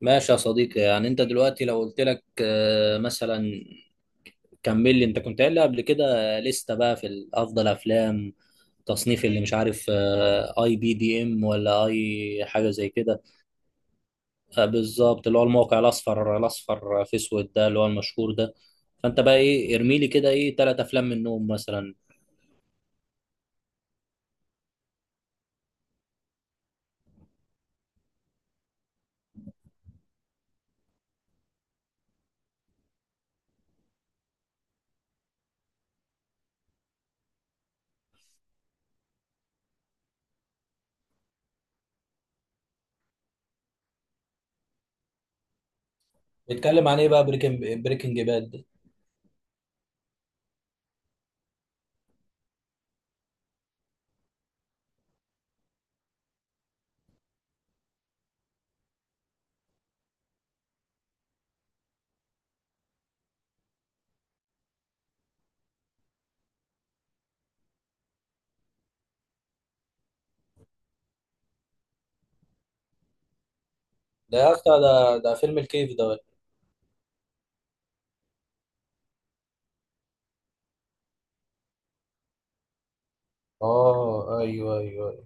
ماشي يا صديقي، يعني انت دلوقتي لو قلت لك مثلا، كمل لي. انت كنت قايل لي قبل كده لستة بقى في افضل افلام تصنيف اللي مش عارف اي بي دي ام، ولا اي حاجه زي كده. آه، بالظبط، اللي هو الموقع الاصفر الاصفر في اسود ده، اللي هو المشهور ده. فانت بقى ايه، ارمي لي كده ايه ثلاث افلام منهم مثلا. بيتكلم عن ايه بقى بريكنج باد ده؟ ده يا اسطى، ده فيلم الكيف ده؟ اه، ايوه ايوه.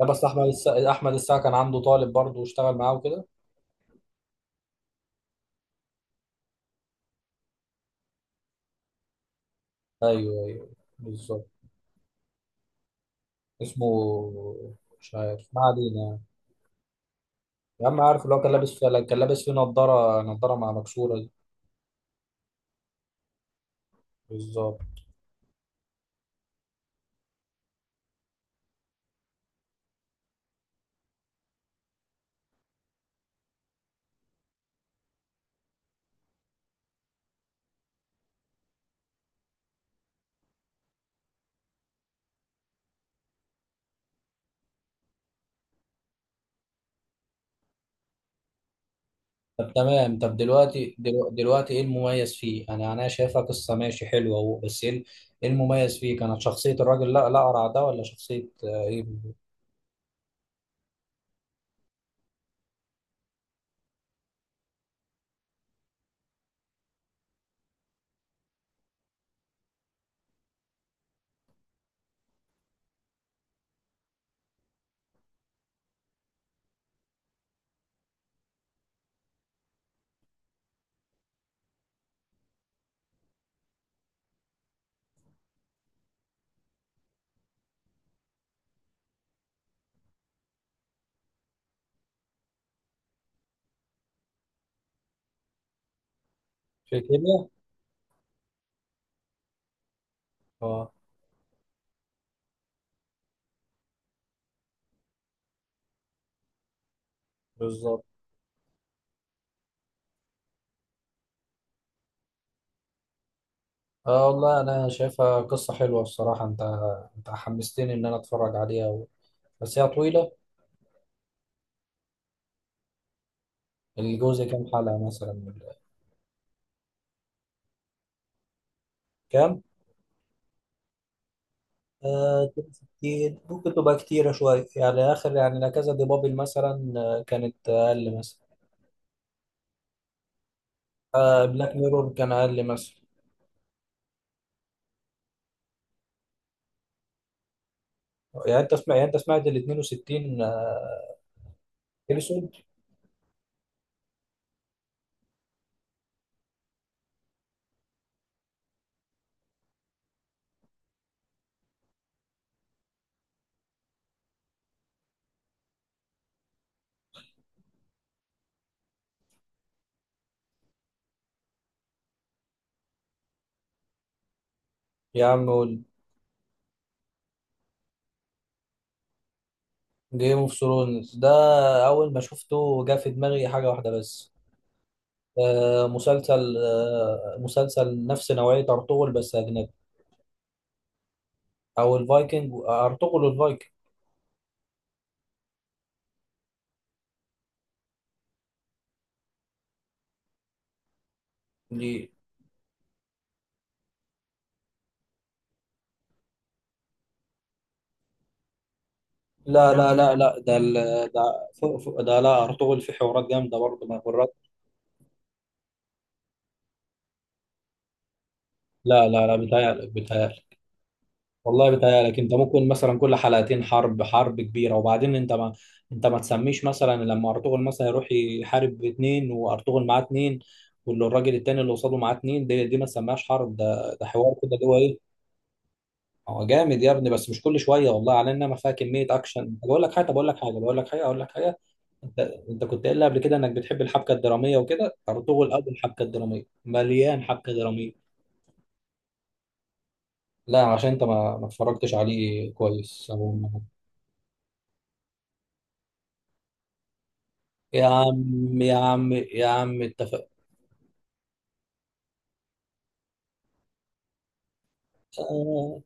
لا، بس احمد السقا كان عنده طالب برضه واشتغل معاه وكده. ايوه ايوه، بالظبط. اسمه؟ مش عارف، ما علينا يعني. يا عم عارف، اللي هو كان لابس فيه نضاره مع مكسوره دي. بالظبط. طب تمام، طب دلوقتي، دلوقتي ايه المميز فيه؟ انا شايفها قصه ماشي حلوه اهو، بس ايه إيه المميز فيه؟ كانت شخصيه الراجل، لا لا، قرع ده، ولا شخصيه ايه؟ في كيمياء. اه، بالظبط. اه والله، انا شايفها قصه حلوه الصراحه. انت، انت حمستني ان انا اتفرج عليها، بس هي طويلة. الجوزة كام حلقة مثلا؟ كام؟ 60 ممكن تبقى كتيرة شوية يعني، آخر يعني، لا كذا دي، بابل مثلا كانت أقل مثلا. بلاك ميرور كان أقل مثلا. يعني أنت سمعت، يعني أنت سمعت ال 62 إبيسود. يا عم، جيم اوف ثرونز ده أول ما شفته جه في دماغي حاجة واحدة بس. مسلسل نفس نوعية أرطغرل بس أجنبي. أو الفايكنج، أرطغرل والفايكنج. لا لا لا لا، ده فوق فوق ده. لا، ارطغرل في حوارات جامده برضه مع الرد. لا لا لا، بيتهيألك بيتهيألك. والله بيتهيألك، انت ممكن مثلا كل حلقتين حرب، حرب كبيره، وبعدين انت ما تسميش مثلا لما ارطغرل مثلا يروح يحارب اتنين، وارطغرل معاه اتنين، واللي الراجل التاني اللي قصاده معاه اتنين، دي ما تسميهاش حرب، ده حوار كده اللي هو ايه. هو جامد يا ابني، بس مش كل شويه، والله على انما فيها كميه اكشن. بقول لك حاجه بقول لك حاجه بقول لك حاجه اقول لك حاجه. انت كنت قايل لي قبل كده انك بتحب الحبكه الدراميه وكده، ارطغرل اول حبكه دراميه، مليان حبكه دراميه. لا، عشان انت ما اتفرجتش عليه كويس، أو يا عم يا عم يا عم، اتفق. آه.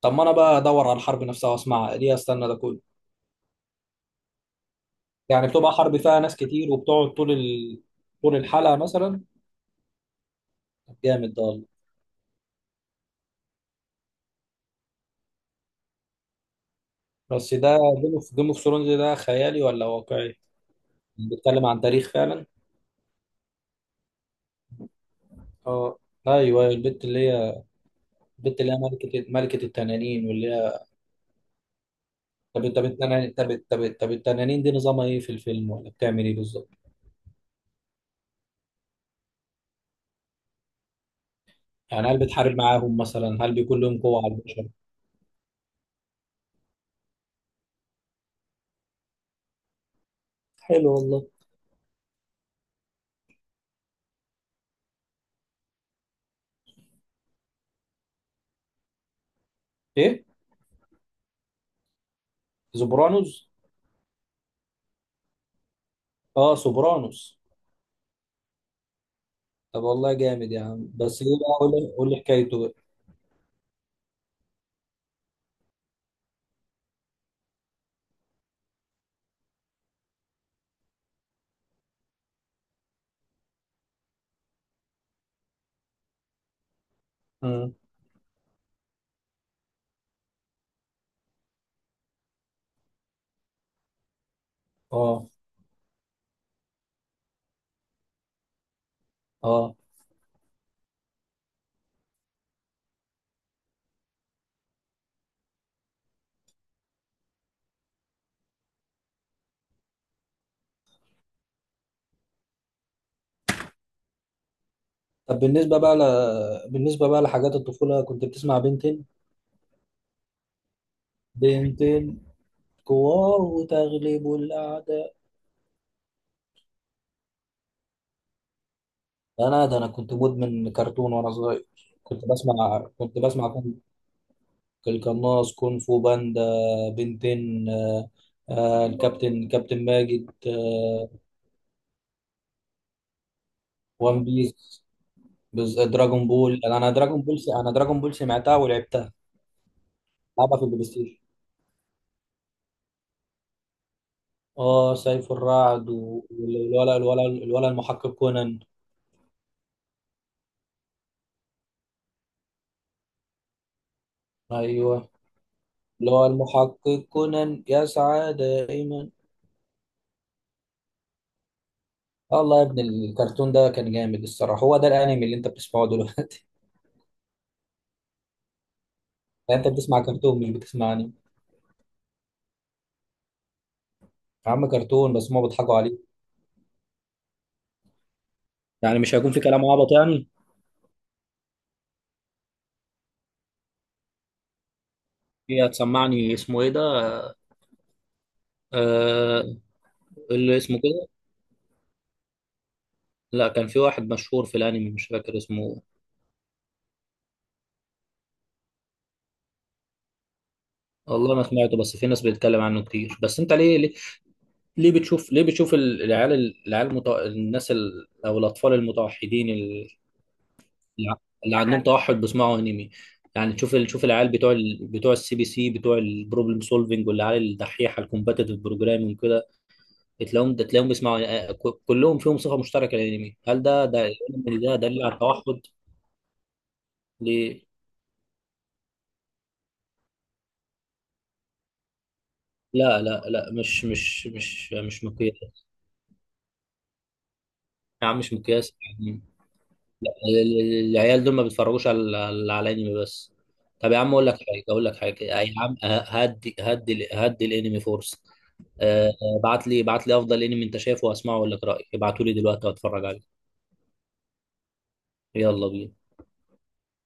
طب ما انا بقى ادور على الحرب نفسها واسمعها ليه، استنى ده كله؟ يعني بتبقى حرب فيها ناس كتير، وبتقعد طول طول الحلقه مثلا؟ جامد ده والله. بس ده، جيم اوف ثرونز ده خيالي ولا واقعي؟ بيتكلم عن تاريخ فعلا؟ اه، ايوه، البت اللي هي ملكة التنانين، واللي هي. طب التنانين دي نظامها ايه في الفيلم، ولا بتعمل ايه بالظبط؟ يعني هل بتحارب معاهم مثلا؟ هل بيكون لهم قوة على البشر؟ حلو والله. ايه؟ سوبرانوس؟ اه، سوبرانوس. طب والله جامد يا عم، بس ايه بقى؟ قول لي قول لي حكايته بقى. مم. اه اه. طب بالنسبة بقى بالنسبة بقى لحاجات الطفولة، كنت بتسمع بنتين؟ بنتين، قوة وتغلب الأعداء. لا لا، ده انا كنت مدمن كرتون وانا صغير. كنت بسمع القناص، كونغ فو باندا، بنتين، كابتن ماجد، وان بيس، دراجون بول انا أنا دراجون بول س- انا دراجون بول سمعتها ولعبتها. لعبها في البلاي ستيشن. اه، سيف الرعد والولا الولا الولا المحقق كونان. ايوه، اللي هو المحقق كونان يسعى دائما. الله يا ابن، الكرتون ده كان جامد الصراحه. هو ده الانمي اللي انت بتسمعه دلوقتي؟ يعني انت بتسمع كرتون، مش بتسمعني. يا عم كرتون، بس هما بيضحكوا عليك. يعني مش هيكون في كلام عبط يعني؟ هي هتسمعني، اسمه ايه ده؟ آه اللي اسمه كده. لا، كان في واحد مشهور في الانمي مش فاكر اسمه. والله ما سمعته، بس في ناس بتتكلم عنه كتير. بس انت ليه، ليه بتشوف العيال الناس او الاطفال المتوحدين اللي عندهم توحد بيسمعوا انمي؟ يعني تشوف العيال بتوع السي بي سي، بتوع البروبلم سولفنج، والعيال الدحيحه الكومباتيتيف بروجرامينج كده، بتلاقيهم، ده تلاقيهم بيسمعوا كلهم فيهم صفة مشتركة للأنمي. هل ده ده دليل على التوحد؟ ليه؟ لا لا لا، مش مقياس. يا عم مش مقياس يعني، العيال دول ما بيتفرجوش على انمي بس. طب يا عم، اقول لك حاجه، اقول لك حاجه، يا عم هدي هدي هدي الانمي فرصه. ابعت لي ابعت لي افضل انمي انت شايفه واسمعه واقول لك رايي، ابعتوا لي دلوقتي واتفرج عليه. يلا بينا.